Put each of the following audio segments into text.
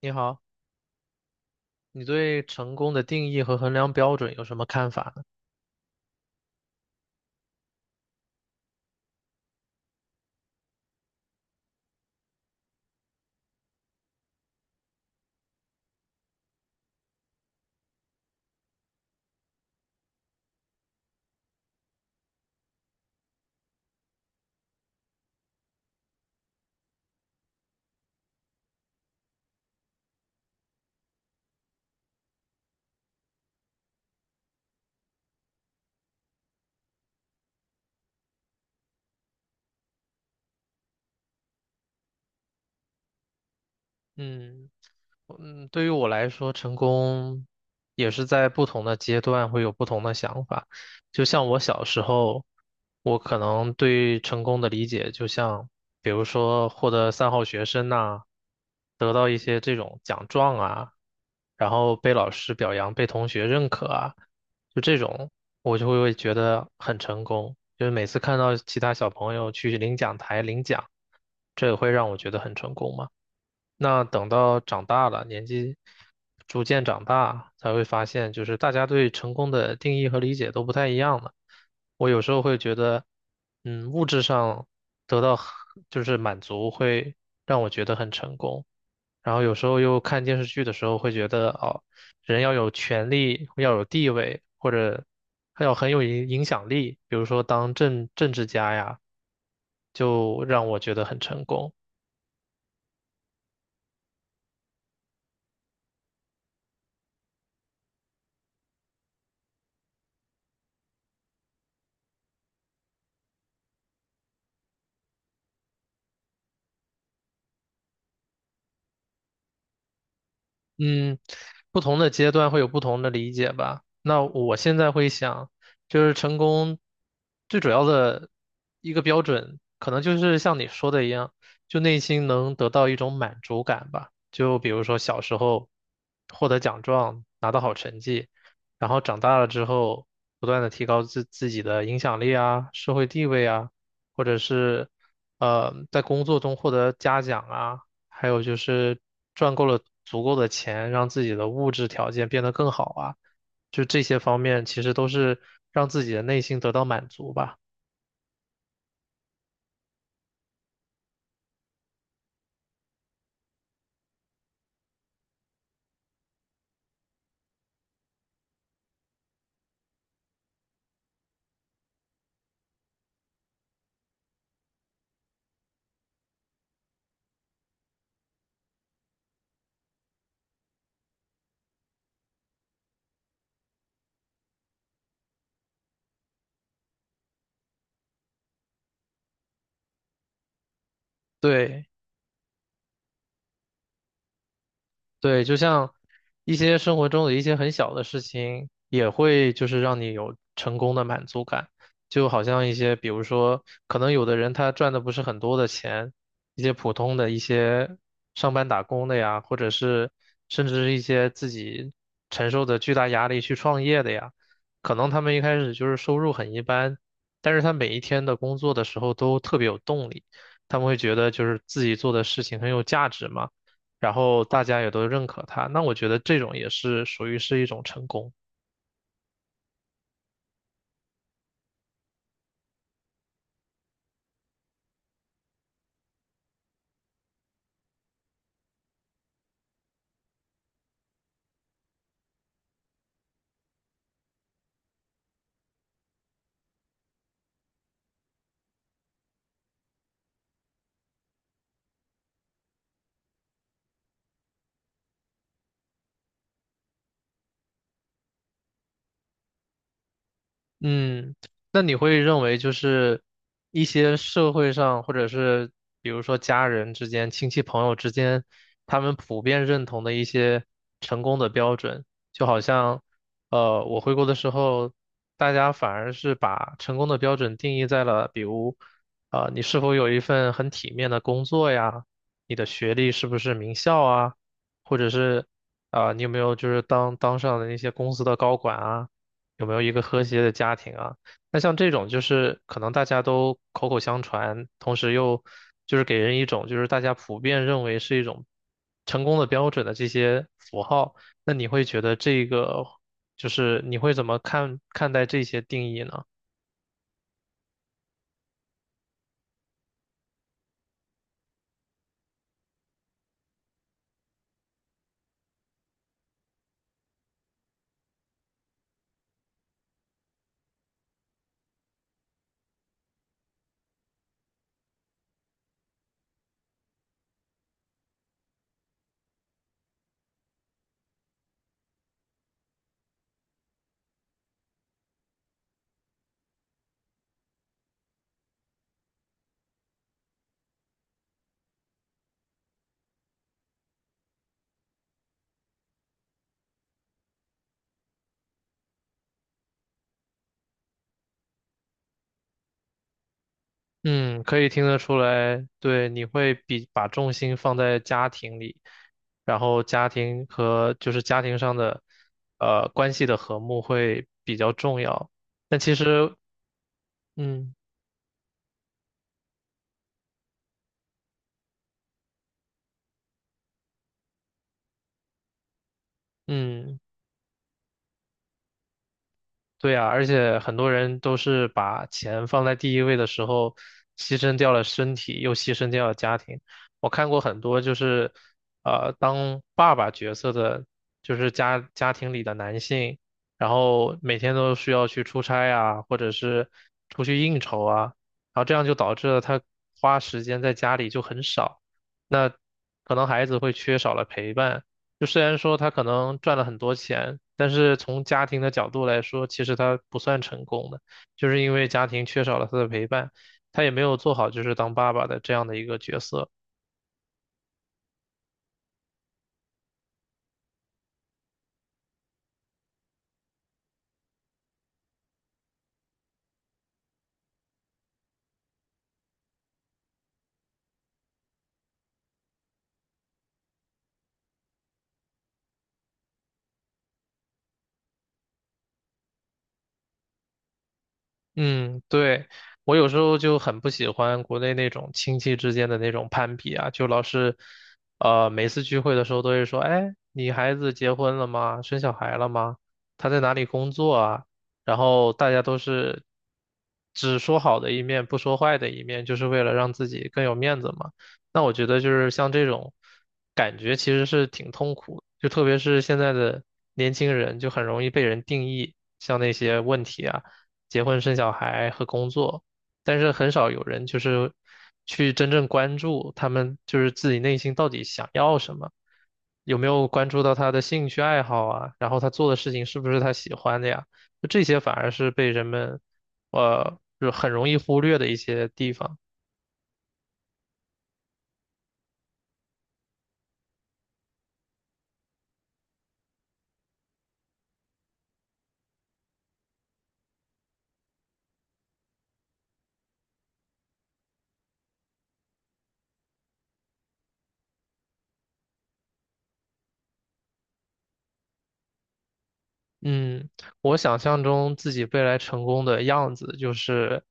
你好，你对成功的定义和衡量标准有什么看法呢？嗯。嗯，对于我来说，成功也是在不同的阶段会有不同的想法。就像我小时候，我可能对成功的理解，就像比如说获得三好学生呐、得到一些这种奖状啊，然后被老师表扬、被同学认可啊，就这种我就会觉得很成功。就是每次看到其他小朋友去领奖台领奖，这也会让我觉得很成功嘛。那等到长大了，年纪逐渐长大，才会发现，就是大家对成功的定义和理解都不太一样了。我有时候会觉得，嗯，物质上得到很就是满足，会让我觉得很成功。然后有时候又看电视剧的时候，会觉得哦，人要有权利，要有地位，或者还要很有影影响力，比如说当政政治家呀，就让我觉得很成功。嗯，不同的阶段会有不同的理解吧。那我现在会想，就是成功最主要的一个标准，可能就是像你说的一样，就内心能得到一种满足感吧。就比如说小时候获得奖状，拿到好成绩，然后长大了之后不断的提高自自己的影响力啊、社会地位啊，或者是在工作中获得嘉奖啊。还有就是赚够了足够的钱，让自己的物质条件变得更好啊，就这些方面其实都是让自己的内心得到满足吧。对。对，就像一些生活中的一些很小的事情，也会就是让你有成功的满足感。就好像一些，比如说，可能有的人他赚的不是很多的钱，一些普通的一些上班打工的呀，或者是甚至是一些自己承受着巨大压力去创业的呀，可能他们一开始就是收入很一般，但是他每一天的工作的时候都特别有动力，他们会觉得就是自己做的事情很有价值嘛。然后大家也都认可他，那我觉得这种也是属于是一种成功。嗯，那你会认为就是一些社会上，或者是比如说家人之间、亲戚朋友之间，他们普遍认同的一些成功的标准，就好像，我回国的时候，大家反而是把成功的标准定义在了，比如，你是否有一份很体面的工作呀，你的学历是不是名校啊，或者是，啊、你有没有就是当当上的那些公司的高管啊。有没有一个和谐的家庭啊？那像这种就是可能大家都口口相传，同时又就是给人一种就是大家普遍认为是一种成功的标准的这些符号，那你会觉得这个就是你会怎么看看待这些定义呢？嗯，可以听得出来，对，你会比把重心放在家庭里，然后家庭和就是家庭上的关系的和睦会比较重要。但其实，嗯。嗯，对呀，而且很多人都是把钱放在第一位的时候，牺牲掉了身体，又牺牲掉了家庭。我看过很多就是，当爸爸角色的，就是家家庭里的男性，然后每天都需要去出差啊，或者是出去应酬啊，然后这样就导致了他花时间在家里就很少，那可能孩子会缺少了陪伴。就虽然说他可能赚了很多钱，但是从家庭的角度来说，其实他不算成功的，就是因为家庭缺少了他的陪伴，他也没有做好就是当爸爸的这样的一个角色。嗯，对，我有时候就很不喜欢国内那种亲戚之间的那种攀比啊，就老是，每次聚会的时候都会说，哎，你孩子结婚了吗？生小孩了吗？他在哪里工作啊？然后大家都是只说好的一面，不说坏的一面，就是为了让自己更有面子嘛。那我觉得就是像这种感觉其实是挺痛苦的，就特别是现在的年轻人，就很容易被人定义，像那些问题啊。结婚生小孩和工作，但是很少有人就是去真正关注他们就是自己内心到底想要什么，有没有关注到他的兴趣爱好啊，然后他做的事情是不是他喜欢的呀？就这些反而是被人们就很容易忽略的一些地方。嗯，我想象中自己未来成功的样子就是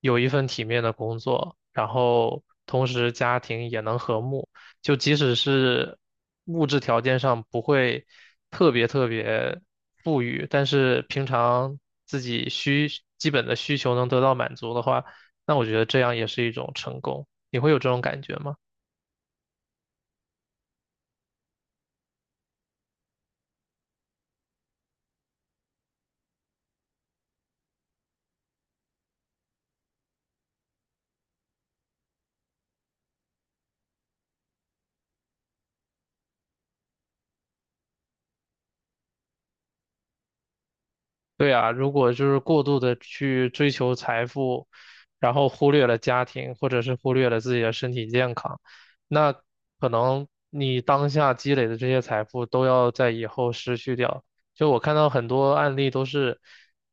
有一份体面的工作，然后同时家庭也能和睦，就即使是物质条件上不会特别特别富裕，但是平常自己需基本的需求能得到满足的话，那我觉得这样也是一种成功。你会有这种感觉吗？对啊，如果就是过度的去追求财富，然后忽略了家庭，或者是忽略了自己的身体健康，那可能你当下积累的这些财富都要在以后失去掉。就我看到很多案例都是，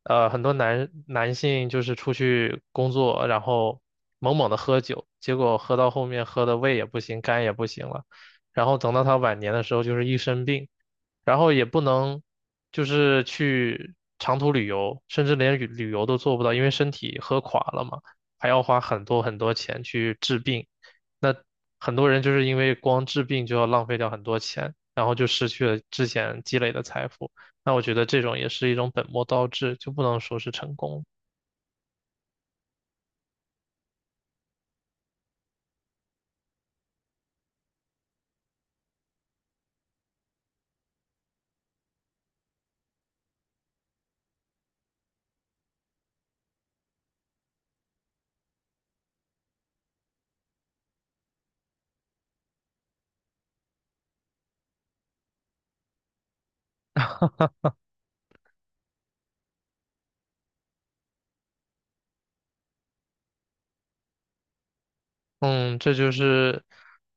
很多男男性就是出去工作，然后猛猛的喝酒，结果喝到后面喝的胃也不行，肝也不行了，然后等到他晚年的时候就是一身病。然后也不能就是去长途旅游，甚至连旅旅游都做不到，因为身体喝垮了嘛，还要花很多很多钱去治病。那很多人就是因为光治病就要浪费掉很多钱，然后就失去了之前积累的财富。那我觉得这种也是一种本末倒置，就不能说是成功。嗯，这就是，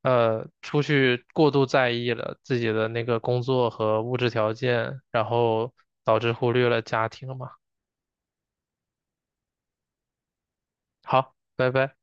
出去过度在意了自己的那个工作和物质条件，然后导致忽略了家庭嘛。好，拜拜。